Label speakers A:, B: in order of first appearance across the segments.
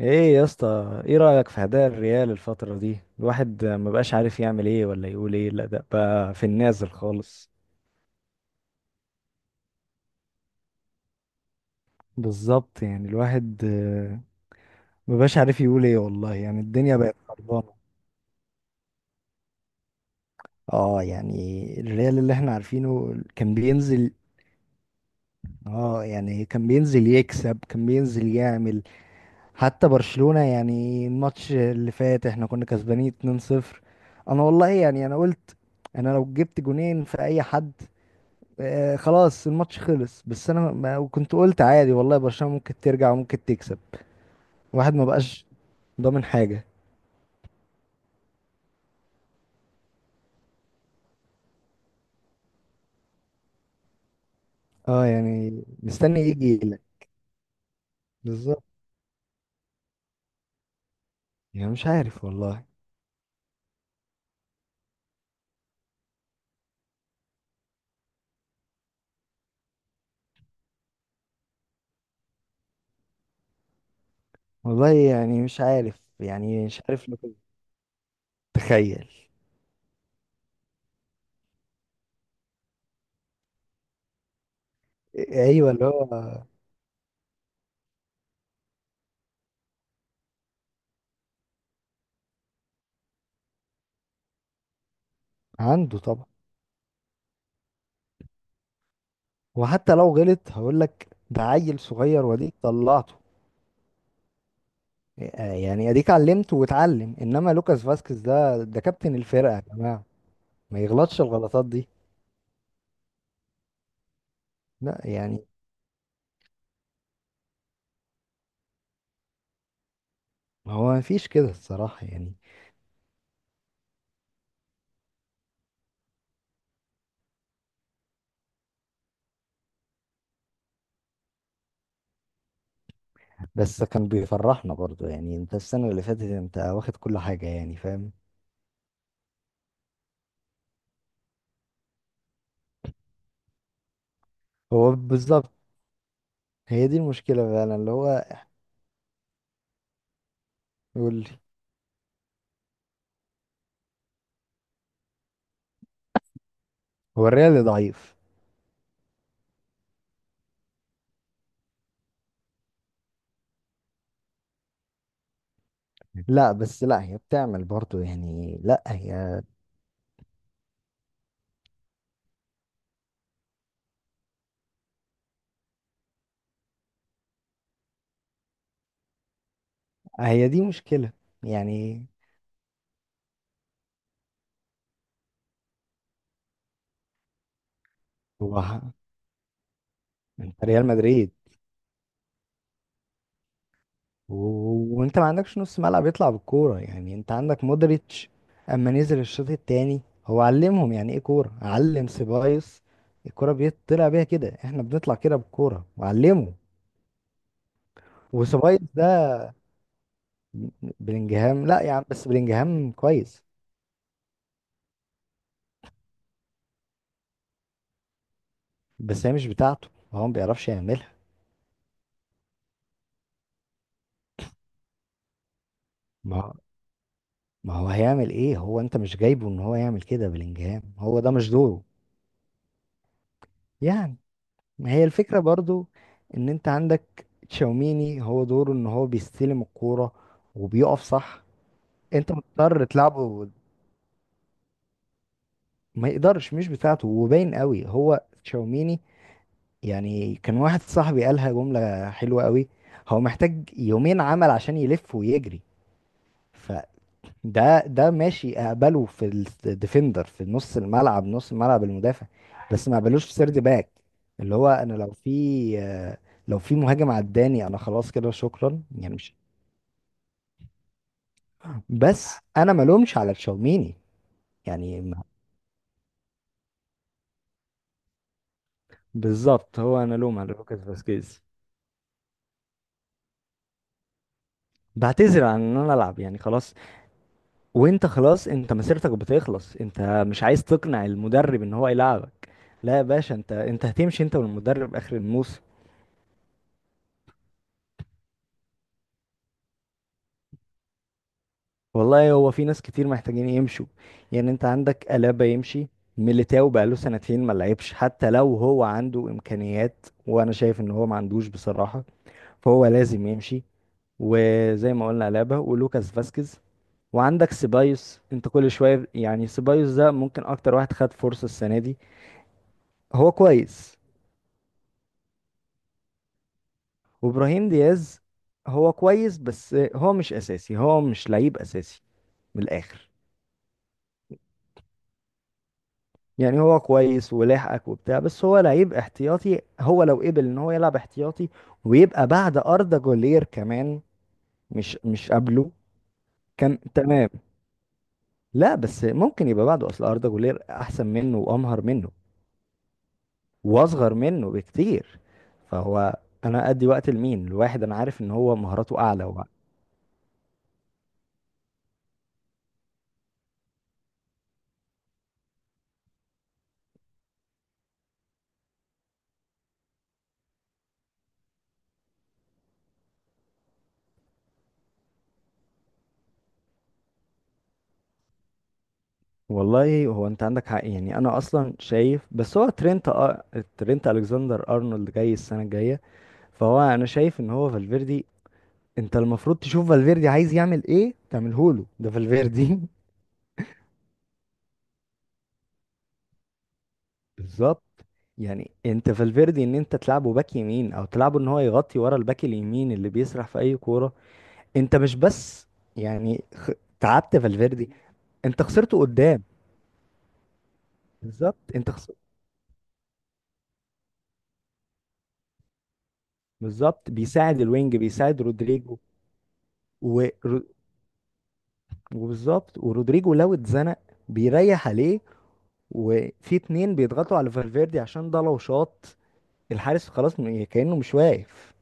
A: ايه يا اسطى، ايه رأيك في اداء الريال الفترة دي؟ الواحد ما بقاش عارف يعمل ايه ولا يقول ايه، الاداء بقى في النازل خالص. بالظبط، يعني الواحد ما بقاش عارف يقول ايه، والله يعني الدنيا بقت خربانة. اه، يعني الريال اللي احنا عارفينه كان بينزل. اه، يعني كان بينزل يكسب، كان بينزل يعمل. حتى برشلونة، يعني الماتش اللي فات احنا كنا كسبانين 2-0. انا والله يعني انا قلت. انا لو جبت جونين في اي حد. خلاص الماتش خلص، بس انا ما كنت قلت عادي والله برشلونة ممكن ترجع وممكن تكسب. واحد ما بقاش ضامن حاجة. اه، يعني مستني يجي لك. بالظبط، يعني مش عارف والله. والله يعني مش عارف تخيل. آه، ايوه، اللي هو عنده طبعا. وحتى لو غلط هقول لك ده عيل صغير واديك طلعته. آه، يعني اديك علمته واتعلم، انما لوكاس فاسكيز ده كابتن الفرقة يا جماعة. ما يغلطش الغلطات دي. لا، يعني هو مفيش كده الصراحة يعني. بس كان بيفرحنا برضو، يعني انت السنة اللي فاتت انت واخد كل حاجة يعني، فاهم؟ هو بالظبط. هي دي المشكلة فعلا اللي هو يقول لي هو الريال ضعيف. لا بس لا، هي بتعمل برضو يعني، لا هي هي دي مشكلة. يعني هو انت ريال مدريد. و- وانت ما عندكش نص ملعب يطلع بالكوره، يعني انت عندك مودريتش. اما نزل الشوط التاني، هو علمهم يعني ايه كوره، علم سيبايوس. الكوره بيطلع بيها كده، احنا بنطلع كده بالكوره وعلمه. وسيبايوس ده بلينجهام. لا يا عم، بس بلينجهام كويس، بس هي مش بتاعته، هو ما بيعرفش يعملها. ما هو- ما هو هيعمل ايه؟ هو انت مش جايبه ان هو يعمل كده، بلينجهام هو ده مش دوره. يعني ما هي الفكرة برضو، ان انت عندك تشاوميني هو دوره ان هو بيستلم الكورة وبيقف صح. انت مضطر تلعبه، ما يقدرش مش بتاعته، وباين قوي هو تشاوميني. يعني كان واحد صاحبي قالها جملة حلوة قوي، هو محتاج يومين عمل عشان يلف ويجري. ده ماشي، اقبله في الديفندر في نص الملعب المدافع، بس ما اقبلوش في سيرد باك. اللي هو انا لو في آه. لو في مهاجم عداني انا، خلاص كده شكرا، يعني مش. بس انا ما لومش على تشاوميني. يعني بالظبط، هو انا لوم على لوكاس فاسكيز. بعتذر عن ان انا العب، يعني خلاص. وانت خلاص، انت مسيرتك بتخلص، انت مش عايز تقنع المدرب ان هو يلعبك. لا يا باشا، انت هتمشي، انت والمدرب اخر الموسم. والله هو في ناس كتير محتاجين يمشوا، يعني انت عندك ألابا يمشي. ميليتاو بقاله سنتين ما لعبش، حتى لو هو عنده إمكانيات وأنا شايف إن هو ما عندوش بصراحة، فهو لازم يمشي. وزي ما قلنا ألابا ولوكاس فاسكيز. وعندك سيبايوس، انت كل شوية يعني سيبايوس ده ممكن أكتر واحد خد فرصة السنة دي. هو كويس. وإبراهيم دياز هو كويس، بس هو مش أساسي، هو مش لعيب أساسي. من الآخر، يعني هو كويس ولاحقك وبتاع، بس هو لعيب احتياطي، هو لو قبل ان هو يلعب احتياطي ويبقى بعد أردا جولير كمان. مش قبله كان تمام. لا، بس ممكن يبقى بعده، اصل أردا جولير احسن منه وامهر منه واصغر منه بكتير. فهو انا ادي وقت لمين الواحد؟ انا عارف ان هو مهاراته اعلى وبقى. والله هو انت عندك حق، يعني انا اصلا شايف، بس هو ترينت ترينت الكسندر ارنولد جاي السنه الجايه. فهو انا شايف ان هو فالفيردي، انت المفروض تشوف فالفيردي عايز يعمل ايه تعمله له، ده فالفيردي. بالظبط. يعني انت فالفيردي ان انت تلعبه باك يمين، او تلعبه ان هو يغطي ورا الباك اليمين اللي بيسرح في اي كوره، انت مش بس. يعني تعبت فالفيردي، انت خسرته قدام. بالظبط انت بالظبط، بيساعد الوينج، بيساعد رودريجو. و... رو- وبالظبط ورودريجو لو اتزنق بيريح عليه، وفي اتنين بيضغطوا على فالفيردي، عشان ده لو شاط الحارس خلاص كأنه مش واقف.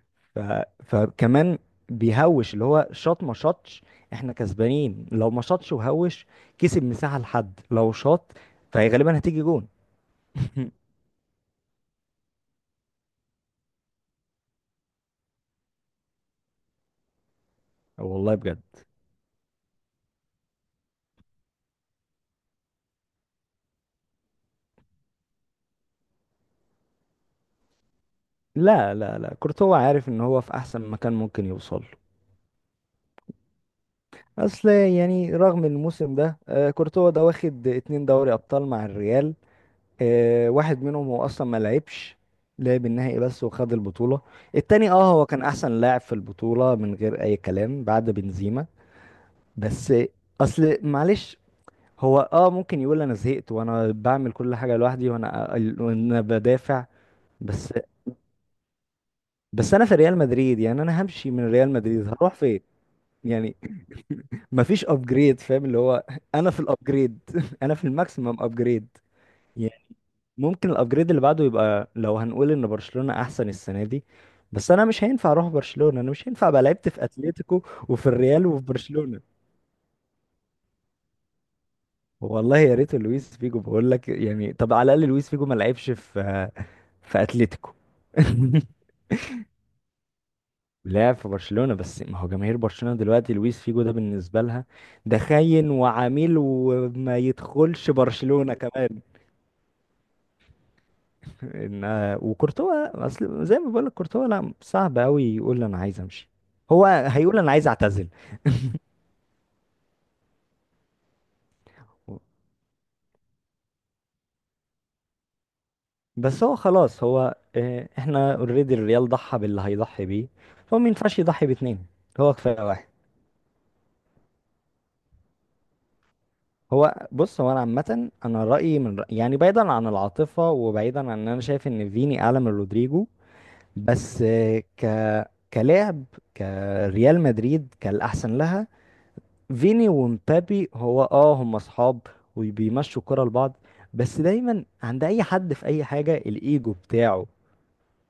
A: ف... فكمان بيهوش اللي هو شاط ما شاطش، احنا كسبانين لو ما شاطش وهوش، كسب مساحة، لحد لو شاط فهي غالبا هتيجي جون. والله بجد. لا، لا، لا، كورتوا عارف ان هو في احسن مكان ممكن يوصل له. اصل يعني رغم الموسم ده، كورتوا ده واخد اتنين دوري ابطال مع الريال. واحد منهم هو اصلا ما لعبش، لعب النهائي بس وخد البطولة. التاني هو كان احسن لاعب في البطولة من غير اي كلام بعد بنزيما. بس اصل معلش، هو ممكن يقول انا زهقت وانا بعمل كل حاجة لوحدي وانا، وانا بدافع. بس، بس انا في ريال مدريد، يعني انا همشي من ريال مدريد هروح فين؟ يعني مفيش ابجريد فاهم، اللي هو انا في الابجريد انا في الماكسيمم ابجريد. ممكن الابجريد اللي بعده يبقى لو هنقول ان برشلونة احسن السنة دي، بس انا مش هينفع اروح برشلونة، انا مش هينفع ابقى لعبت في اتلتيكو وفي الريال وفي برشلونة. والله يا ريت لويس فيجو، بقول لك يعني، طب على الاقل لويس فيجو ما لعبش في في اتلتيكو. لعب في برشلونة بس، ما هو جماهير برشلونة دلوقتي لويس فيجو ده بالنسبة لها ده خاين وعميل وما يدخلش برشلونة كمان. ان آه، وكورتوا اصل زي ما بقول لك، كورتوا لا، صعب قوي يقول انا عايز امشي، هو هيقول انا عايز اعتزل. بس هو خلاص، هو احنا اوريدي الريال ضحى باللي هيضحي بيه، هو ما ينفعش يضحي باتنين، هو كفايه واحد. هو بص، هو انا عامه انا رايي من رأي، يعني بعيدا عن العاطفه وبعيدا عن ان انا شايف ان فيني اعلى من رودريجو. بس آه، ك كلاعب، كريال مدريد، كالاحسن لها، فيني ومبابي هو اه هم اصحاب وبيمشوا الكرة لبعض. بس دايما عند اي حد في اي حاجة الايجو بتاعه،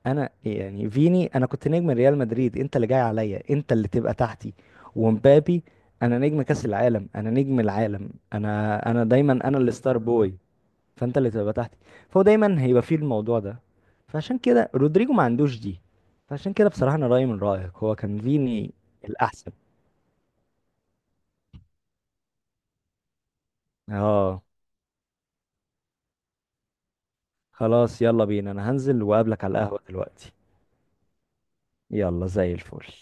A: انا يعني فيني انا كنت نجم ريال مدريد، انت اللي جاي عليا، انت اللي تبقى تحتي. ومبابي انا نجم كاس العالم، انا نجم العالم، انا دايما انا الستار بوي، فانت اللي تبقى تحتي. فهو دايما هيبقى فيه الموضوع ده، فعشان كده رودريجو ما عندوش دي. فعشان كده بصراحة انا رأيي من رأيك هو كان فيني الاحسن. اه، خلاص يلا بينا، انا هنزل واقابلك على القهوة دلوقتي. يلا زي الفل.